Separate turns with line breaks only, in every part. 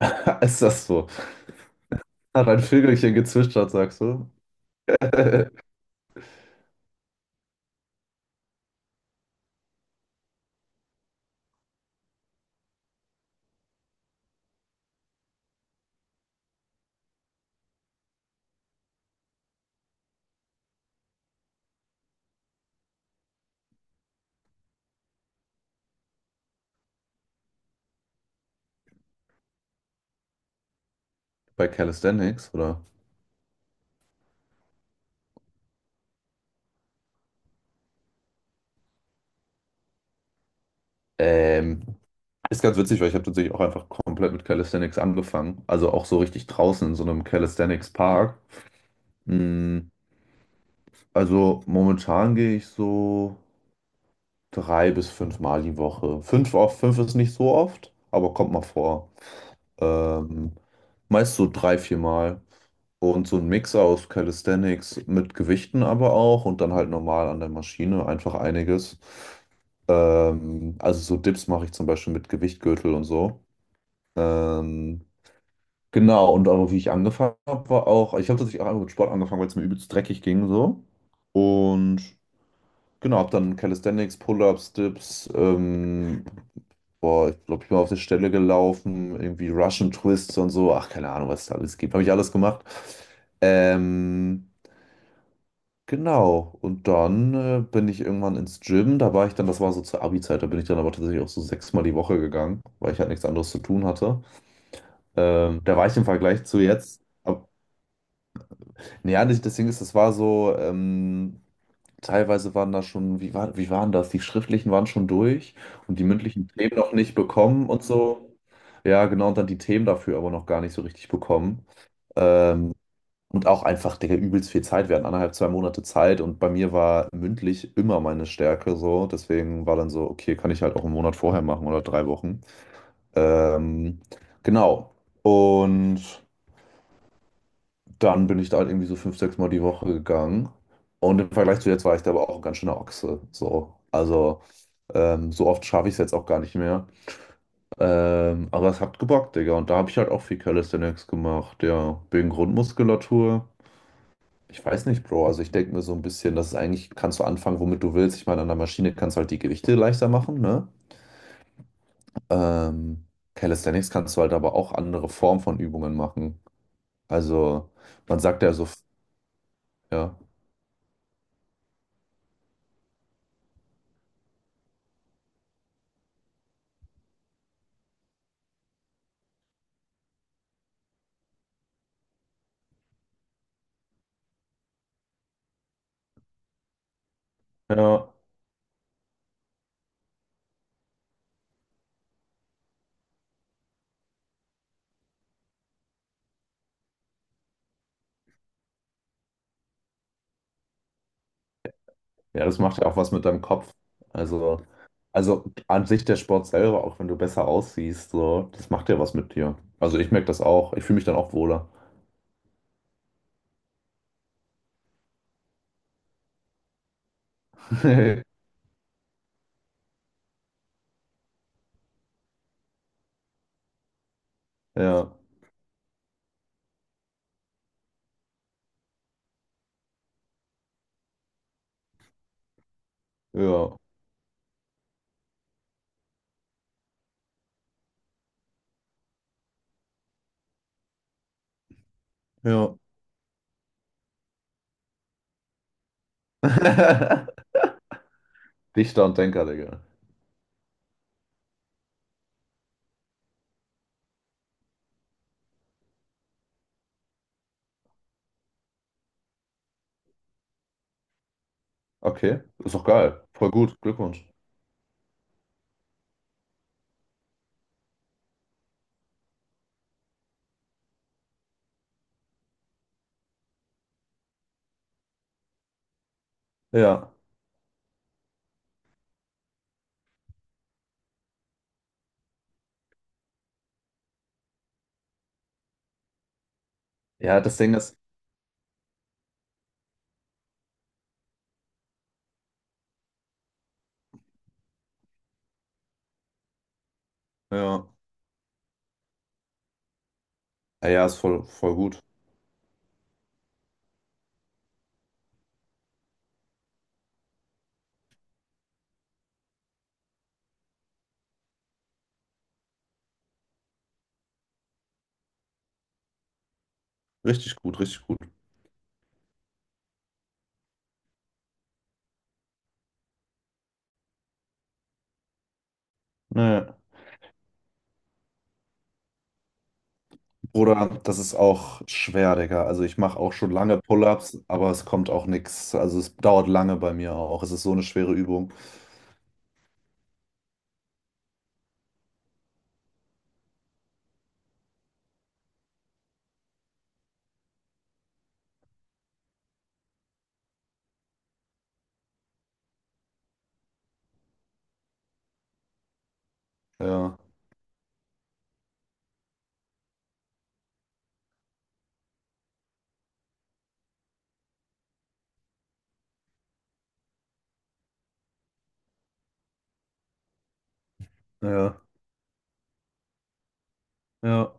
Ist das so? Hat ein Vögelchen gezwitschert, sagst du? Bei Calisthenics, oder? Ähm, Ist ganz witzig, weil ich habe tatsächlich auch einfach komplett mit Calisthenics angefangen. Also auch so richtig draußen in so einem Calisthenics-Park. Mm, Also momentan gehe ich so drei bis fünf Mal die Woche. Fünf, auf, fünf ist nicht so oft, aber kommt mal vor. Ähm, Meist so drei, vier Mal. Und so ein Mix aus Calisthenics mit Gewichten aber auch und dann halt normal an der Maschine, einfach einiges. Also so Dips mache ich zum Beispiel mit Gewichtgürtel und so. Ähm, genau, und aber wie ich angefangen habe, war auch, ich habe tatsächlich auch einfach mit Sport angefangen, weil es mir übelst dreckig ging so. Und genau, habe dann Calisthenics, Pull-ups, Dips, boah, ich glaube, ich bin auf der Stelle gelaufen, irgendwie Russian Twists und so. Ach, keine Ahnung, was es da alles gibt. Habe ich alles gemacht. Ähm, Genau, und dann bin ich irgendwann ins Gym, da war ich dann, das war so zur Abi-Zeit, da bin ich dann aber tatsächlich auch so sechsmal die Woche gegangen, weil ich halt nichts anderes zu tun hatte. Da war ich im Vergleich zu jetzt, ab, naja, das Ding ist, das war so, teilweise waren da schon, wie waren das? Die schriftlichen waren schon durch und die mündlichen Themen noch nicht bekommen und so. Ja, genau, und dann die Themen dafür aber noch gar nicht so richtig bekommen. Ähm, Und auch einfach, Digga, übelst viel Zeit. Wir hatten anderthalb, zwei Monate Zeit und bei mir war mündlich immer meine Stärke so. Deswegen war dann so, okay, kann ich halt auch einen Monat vorher machen oder drei Wochen. Ähm, genau. Und dann bin ich da halt irgendwie so fünf, sechs Mal die Woche gegangen. Und im Vergleich zu jetzt war ich da aber auch ein ganz schöner Ochse. So. Also, so oft schaffe ich es jetzt auch gar nicht mehr. Aber es hat gebockt, Digga. Und da habe ich halt auch viel Calisthenics gemacht. Ja, wegen Grundmuskulatur. Ich weiß nicht, Bro. Also ich denke mir so ein bisschen, dass es eigentlich, kannst du anfangen, womit du willst. Ich meine, an der Maschine kannst du halt die Gewichte leichter machen, ne? Ähm, Calisthenics kannst du halt aber auch andere Formen von Übungen machen. Also man sagt ja so, ja, ja, ja, das macht ja auch was mit deinem Kopf. Also, also an sich der Sport selber, auch wenn du besser aussiehst, so, das macht ja was mit dir. Also ich merke das auch. Ich fühle mich dann auch wohler. Ja, ja, ja. Dichter und Denker, Digga. Okay, ist doch geil. Voll gut, Glückwunsch. Ja. Ja, das Ding ist, ja, ja, ja, ist voll, voll gut. Richtig gut, richtig gut. Naja. Bruder, das ist auch schwer, Digga. Also ich mache auch schon lange Pull-ups, aber es kommt auch nichts. Also es dauert lange bei mir auch. Es ist so eine schwere Übung. Ja, ja, ja.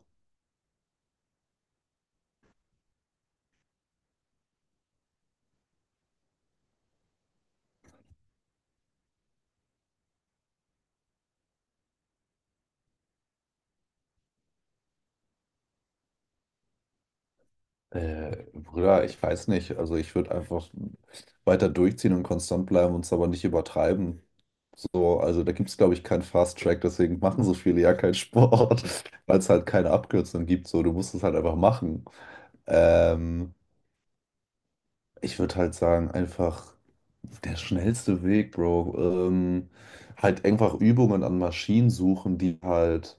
Bruder, ich weiß nicht. Also ich würde einfach weiter durchziehen und konstant bleiben und es aber nicht übertreiben. So, also da gibt es, glaube ich, keinen Fast Track, deswegen machen so viele ja keinen Sport, weil es halt keine Abkürzung gibt. So, du musst es halt einfach machen. Ähm, Ich würde halt sagen, einfach der schnellste Weg, Bro. Ähm, halt einfach Übungen an Maschinen suchen, die halt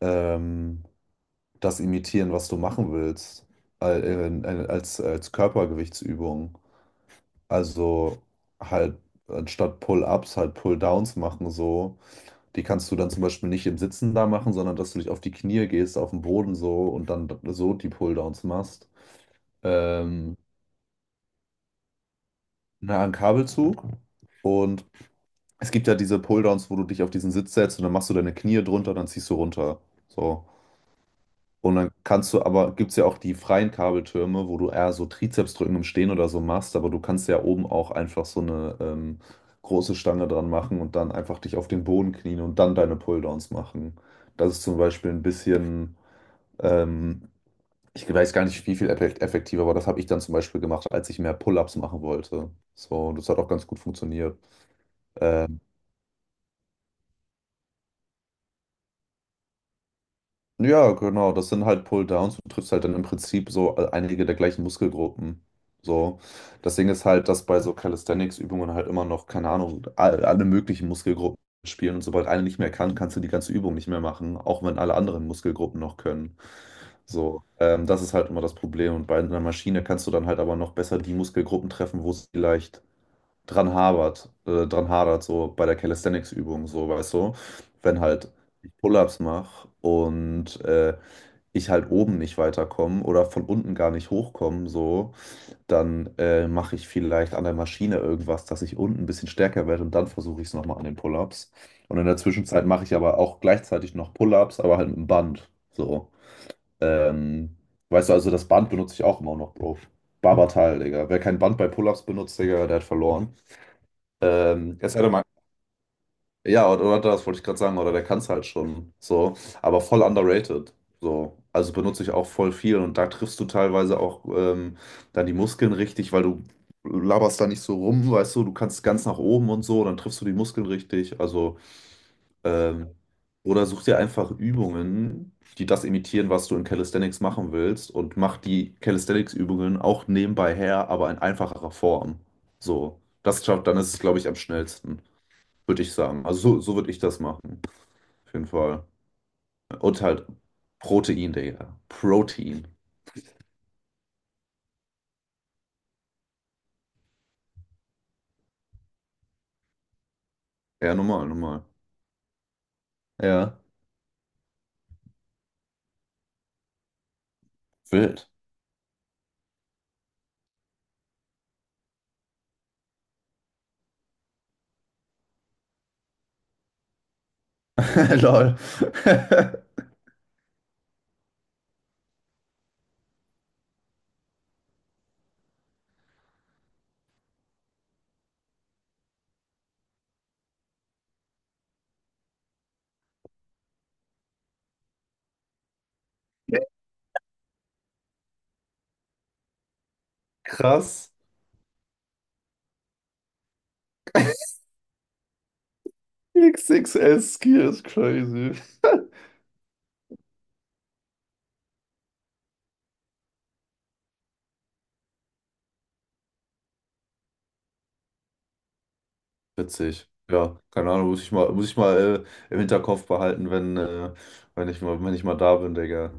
ähm, das imitieren, was du machen willst, als Körpergewichtsübung. Also halt anstatt Pull-ups halt Pull-downs machen so. Die kannst du dann zum Beispiel nicht im Sitzen da machen, sondern dass du dich auf die Knie gehst, auf den Boden so und dann so die Pull-downs machst. Ähm, na, ein Kabelzug. Und es gibt ja diese Pull-downs, wo du dich auf diesen Sitz setzt und dann machst du deine Knie drunter, dann ziehst du runter. So. Und dann kannst du aber, gibt es ja auch die freien Kabeltürme, wo du eher so Trizepsdrücken im Stehen oder so machst, aber du kannst ja oben auch einfach so eine große Stange dran machen und dann einfach dich auf den Boden knien und dann deine Pulldowns machen. Das ist zum Beispiel ein bisschen, ähm, ich weiß gar nicht, wie viel effektiver, aber das habe ich dann zum Beispiel gemacht, als ich mehr Pull-ups machen wollte. So, das hat auch ganz gut funktioniert. Ähm, Ja, genau, das sind halt Pull-Downs. Du triffst halt dann im Prinzip so einige der gleichen Muskelgruppen. So. Das Ding ist halt, dass bei so Calisthenics-Übungen halt immer noch, keine Ahnung, alle möglichen Muskelgruppen spielen und sobald eine nicht mehr kann, kannst du die ganze Übung nicht mehr machen, auch wenn alle anderen Muskelgruppen noch können. So, das ist halt immer das Problem. Und bei einer Maschine kannst du dann halt aber noch besser die Muskelgruppen treffen, wo es vielleicht dran hapert, dran hadert, so bei der Calisthenics-Übung, so, weißt du, wenn halt ich Pull-ups mache und ich halt oben nicht weiterkomme oder von unten gar nicht hochkomme, so, dann mache ich vielleicht an der Maschine irgendwas, dass ich unten ein bisschen stärker werde und dann versuche ich es nochmal an den Pull-ups. Und in der Zwischenzeit mache ich aber auch gleichzeitig noch Pull-ups, aber halt mit dem Band, so. Ähm, Weißt du, also das Band benutze ich auch immer noch, Bro. Barbatal, Digga. Wer kein Band bei Pull-ups benutzt, Digga, der hat verloren. Jetzt hätte man, ja, oder das wollte ich gerade sagen, oder der kann es halt schon so, aber voll underrated. So. Also benutze ich auch voll viel und da triffst du teilweise auch dann die Muskeln richtig, weil du laberst da nicht so rum, weißt du, du kannst ganz nach oben und so, dann triffst du die Muskeln richtig. Also, ähm, oder such dir einfach Übungen, die das imitieren, was du in Calisthenics machen willst und mach die Calisthenics-Übungen auch nebenbei her, aber in einfacherer Form. So. Das schafft, dann ist es, glaube ich, am schnellsten würde ich sagen. Also so, so würde ich das machen. Auf jeden Fall. Und halt Protein, Digga. Protein. Ja, normal, normal. Ja, wild. Lol. Krass. XXS Skier ist crazy. Witzig. Ja, keine Ahnung, muss ich mal im Hinterkopf behalten, wenn, wenn ich mal, wenn ich mal da bin, Digga.